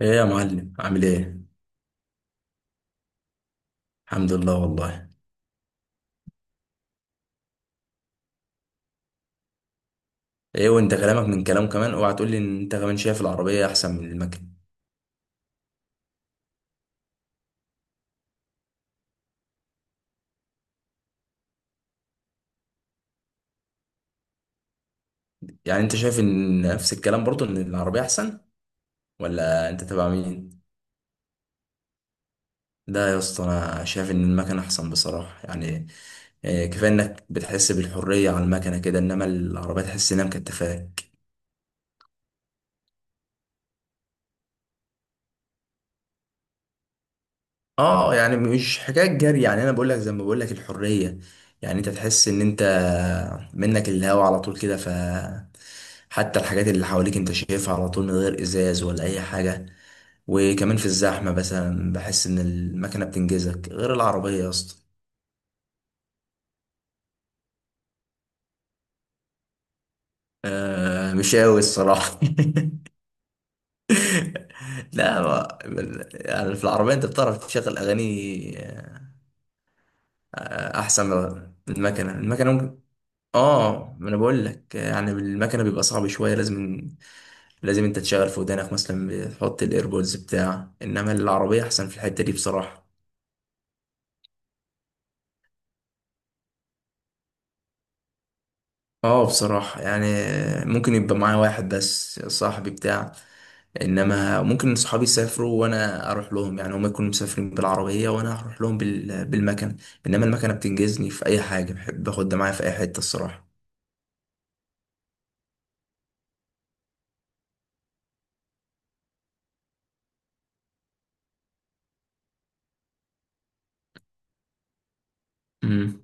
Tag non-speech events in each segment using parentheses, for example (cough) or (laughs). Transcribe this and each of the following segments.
ايه يا معلم، عامل ايه؟ الحمد لله والله. ايه، وانت كلامك من كلام كمان؟ اوعى تقول لي ان انت كمان شايف العربيه احسن من المكن. يعني انت شايف ان نفس الكلام، برضو ان العربيه احسن؟ ولا انت تبع مين؟ لا يا اسطى، انا شايف ان المكن احسن بصراحه يعني. إيه، كفايه انك بتحس بالحريه على المكنه كده، انما العربيه تحس انها مكتفاك. اه يعني مش حكايه جري، يعني انا بقول لك زي ما بقول لك الحريه. يعني انت تحس ان انت منك الهوا على طول كده، ف حتى الحاجات اللي حواليك انت شايفها على طول من غير ازاز ولا اي حاجه. وكمان في الزحمه مثلا بحس ان المكنه بتنجزك غير العربيه يا اسطى. آه مش قوي الصراحه. (laughs) لا، يعني في العربيه انت بتعرف تشغل اغاني؟ احسن من المكنه ممكن. اه، ما انا بقول لك يعني بالمكنه بيبقى صعب شويه، لازم لازم انت تشغل في ودانك مثلا، بتحط الايربودز بتاع، انما العربيه احسن في الحته دي بصراحه. اه بصراحه يعني ممكن يبقى معايا واحد بس صاحبي بتاع، انما ممكن صحابي يسافروا وانا اروح لهم، يعني هم يكونوا مسافرين بالعربيه وانا هروح لهم بالمكنه. انما المكنه بتنجزني في اي حاجه بحب اخدها معايا في اي حته الصراحه. امم.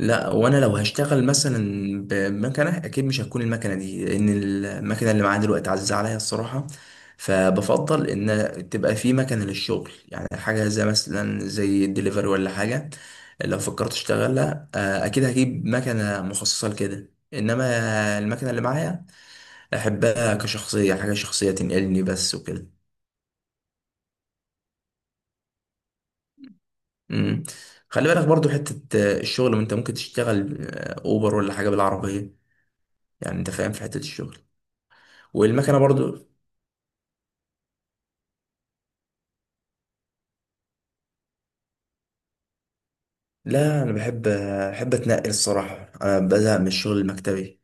لا، وانا لو هشتغل مثلا بمكنه اكيد مش هتكون المكنه دي، لان المكنه اللي معايا دلوقتي عزيزه عليا الصراحه. فبفضل ان تبقى في مكنه للشغل، يعني حاجه زي مثلا زي الدليفري ولا حاجه. لو فكرت اشتغلها اكيد هجيب مكنه مخصصه لكده، انما المكنه اللي معايا احبها كشخصيه، حاجه شخصيه تنقلني بس وكده. مم. خلي بالك برضو حته الشغل، ما انت ممكن تشتغل اوبر ولا حاجه بالعربيه، يعني انت فاهم في حته الشغل، والمكنه برضو. لا انا بحب اتنقل الصراحه، انا بزهق من الشغل المكتبي.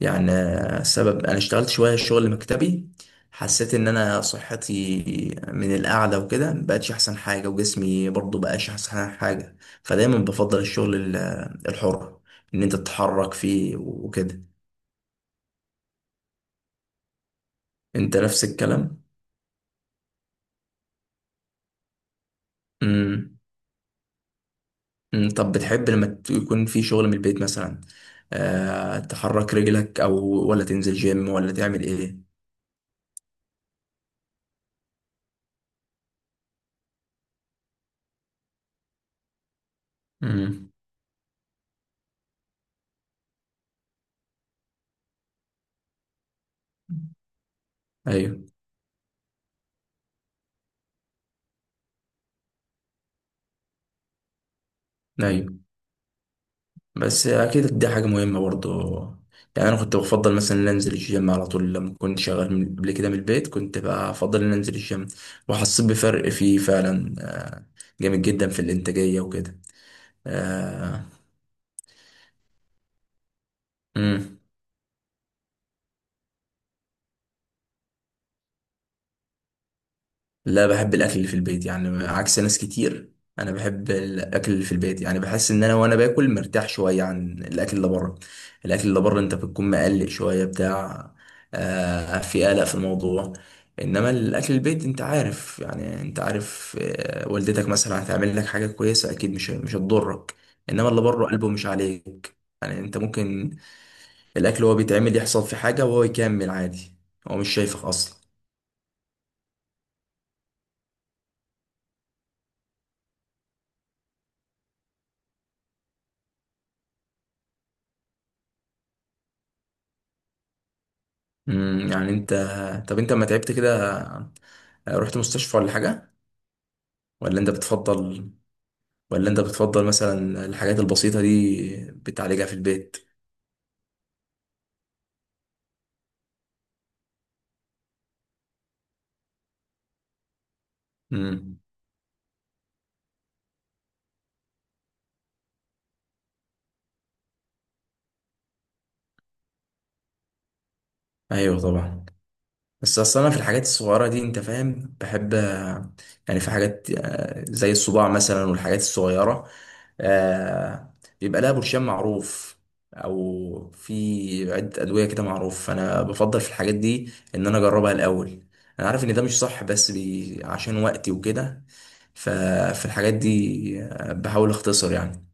يعني السبب انا اشتغلت شويه شغل مكتبي، حسيت ان انا صحتي من القعده وكده مبقتش احسن حاجه، وجسمي برضو مبقاش احسن حاجه. فدايما بفضل الشغل الحر، ان انت تتحرك فيه وكده. انت نفس الكلام؟ امم. طب بتحب لما يكون في شغل من البيت مثلا؟ تحرك رجلك، او ولا تنزل جيم، ولا تعمل ايه؟ امم. ايوه، ايوه، بس اكيد دي حاجه مهمه برضو. يعني انا كنت بفضل مثلا ان انزل الجيم على طول، لما كنت شغال قبل كده من البيت كنت بقى افضل ان انزل الجيم. وحسيت بفرق فيه فعلا، جامد جدا في الانتاجيه وكده. امم. لا بحب الاكل اللي في البيت، يعني عكس ناس كتير. انا بحب الاكل اللي في البيت، يعني بحس ان انا وانا باكل مرتاح شويه عن الاكل اللي بره. الاكل اللي بره انت بتكون مقلق شويه بتاع. آه في قلق في الموضوع. انما الاكل البيت انت عارف، يعني انت عارف آه والدتك مثلا هتعمل لك حاجه كويسه، اكيد مش هتضرك. انما اللي بره قلبه مش عليك. يعني انت ممكن الاكل هو بيتعمل يحصل في حاجه وهو يكمل عادي، هو مش شايفك اصلا. يعني انت، طب انت لما تعبت كده رحت مستشفى ولا حاجة؟ ولا انت بتفضل ولا انت بتفضل مثلا الحاجات البسيطة دي بتعالجها في البيت؟ امم. ايوه طبعا. بس اصل انا في الحاجات الصغيره دي انت فاهم بحب، يعني في حاجات زي الصباع مثلا والحاجات الصغيره، آه، بيبقى لها برشام معروف، او في عده ادويه كده معروف. فانا بفضل في الحاجات دي ان انا اجربها الاول. انا عارف ان ده مش صح، بس بي عشان وقتي وكده. ففي الحاجات دي بحاول اختصر يعني.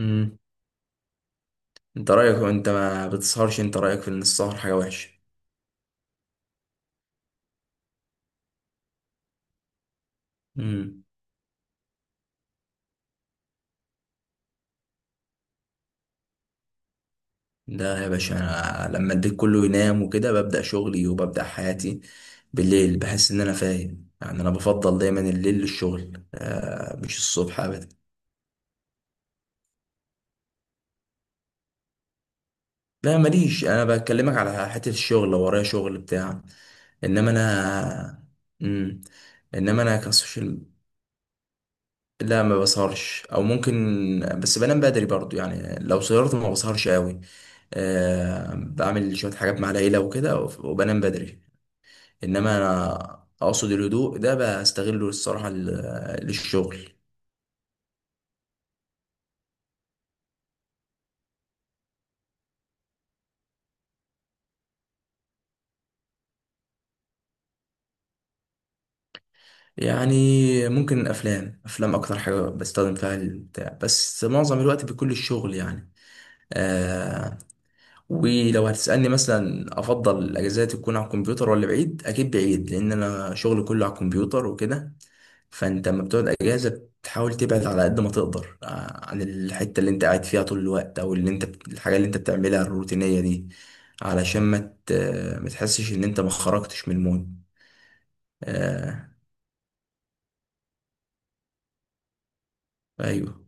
امم. انت رايك، انت ما بتسهرش؟ انت رايك في ان السهر حاجه وحشه؟ امم ده يا باشا، انا لما الديك كله ينام وكده ببدأ شغلي وببدأ حياتي. بالليل بحس ان انا فايق، يعني انا بفضل دايما الليل للشغل، مش الصبح ابدا. لا ماليش، انا بكلمك على حتة الشغل لو ورايا شغل بتاع، انما انا. مم. انما انا كسوشيال، لا ما بسهرش او ممكن، بس بنام بدري برضو يعني، لو سهرت ما بسهرش قوي. بعمل شوية حاجات مع العيلة وكده وبنام بدري. انما انا اقصد الهدوء ده بستغله الصراحه للشغل. يعني ممكن افلام اكتر حاجه بستخدم فيها البتاع، بس معظم الوقت بيكون للشغل يعني. آه ولو هتسالني مثلا افضل الاجازات تكون على الكمبيوتر ولا بعيد، اكيد بعيد، لان انا شغلي كله على الكمبيوتر وكده. فانت لما بتقعد اجازه بتحاول تبعد على قد ما تقدر عن الحته اللي انت قاعد فيها طول الوقت، او اللي انت الحاجه اللي انت بتعملها الروتينيه دي، علشان ما ما تحسش ان انت ما خرجتش من المود. آه ايوه.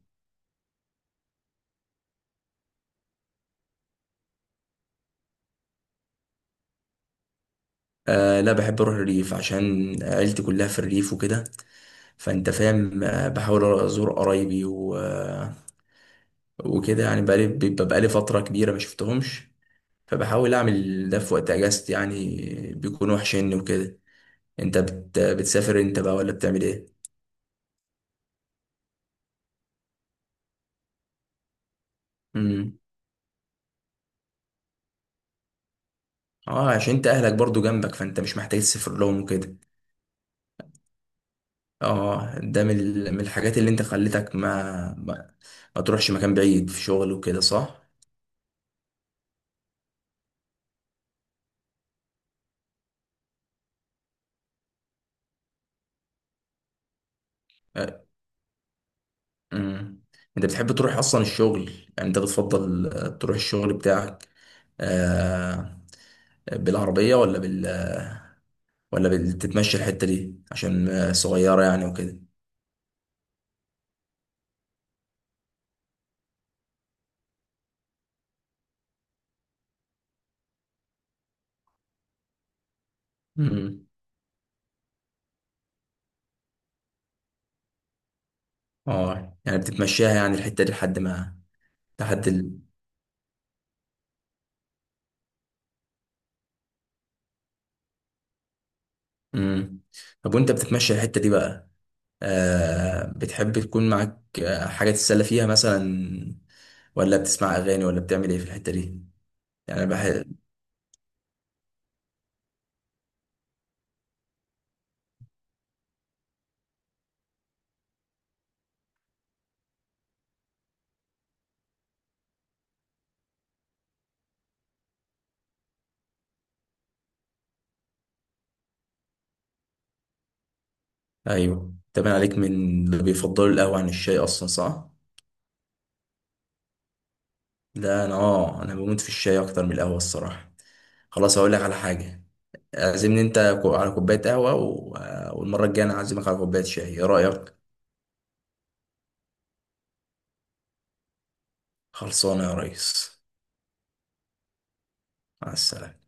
آه لا، بحب اروح الريف عشان عيلتي كلها في الريف وكده. فانت فاهم، بحاول ازور قرايبي وكده يعني، بقالي فتره كبيره ما شفتهمش، فبحاول اعمل ده في وقت اجازتي يعني، بيكون وحشني وكده. انت بتسافر انت بقى ولا بتعمل ايه؟ امم. اه عشان انت اهلك برضو جنبك، فانت مش محتاج تسافر لهم وكده. اه ده من من الحاجات اللي انت خلتك ما, ما تروحش مكان بعيد في شغل وكده صح؟ آه، امم. انت بتحب تروح اصلا الشغل؟ يعني انت بتفضل تروح الشغل بتاعك آه بالعربية ولا ولا بتتمشى الحتة دي عشان صغيرة يعني وكده؟ امم. اه يعني بتتمشاها يعني الحتة دي لحد ما، لحد ال... امم. طب وانت بتتمشى الحتة دي بقى، بتحب تكون معاك حاجة تتسلى فيها مثلا؟ ولا بتسمع أغاني ولا بتعمل ايه في الحتة دي؟ يعني انا بحب. ايوه، تبان عليك من اللي بيفضلوا القهوة عن الشاي اصلا، صح؟ لا انا بموت في الشاي اكتر من القهوة الصراحة. خلاص، هقول لك على حاجة، اعزمني انت على كوباية قهوة، والمرة الجاية انا هعزمك على كوباية شاي، ايه رأيك؟ خلصانة يا ريس. مع السلامة.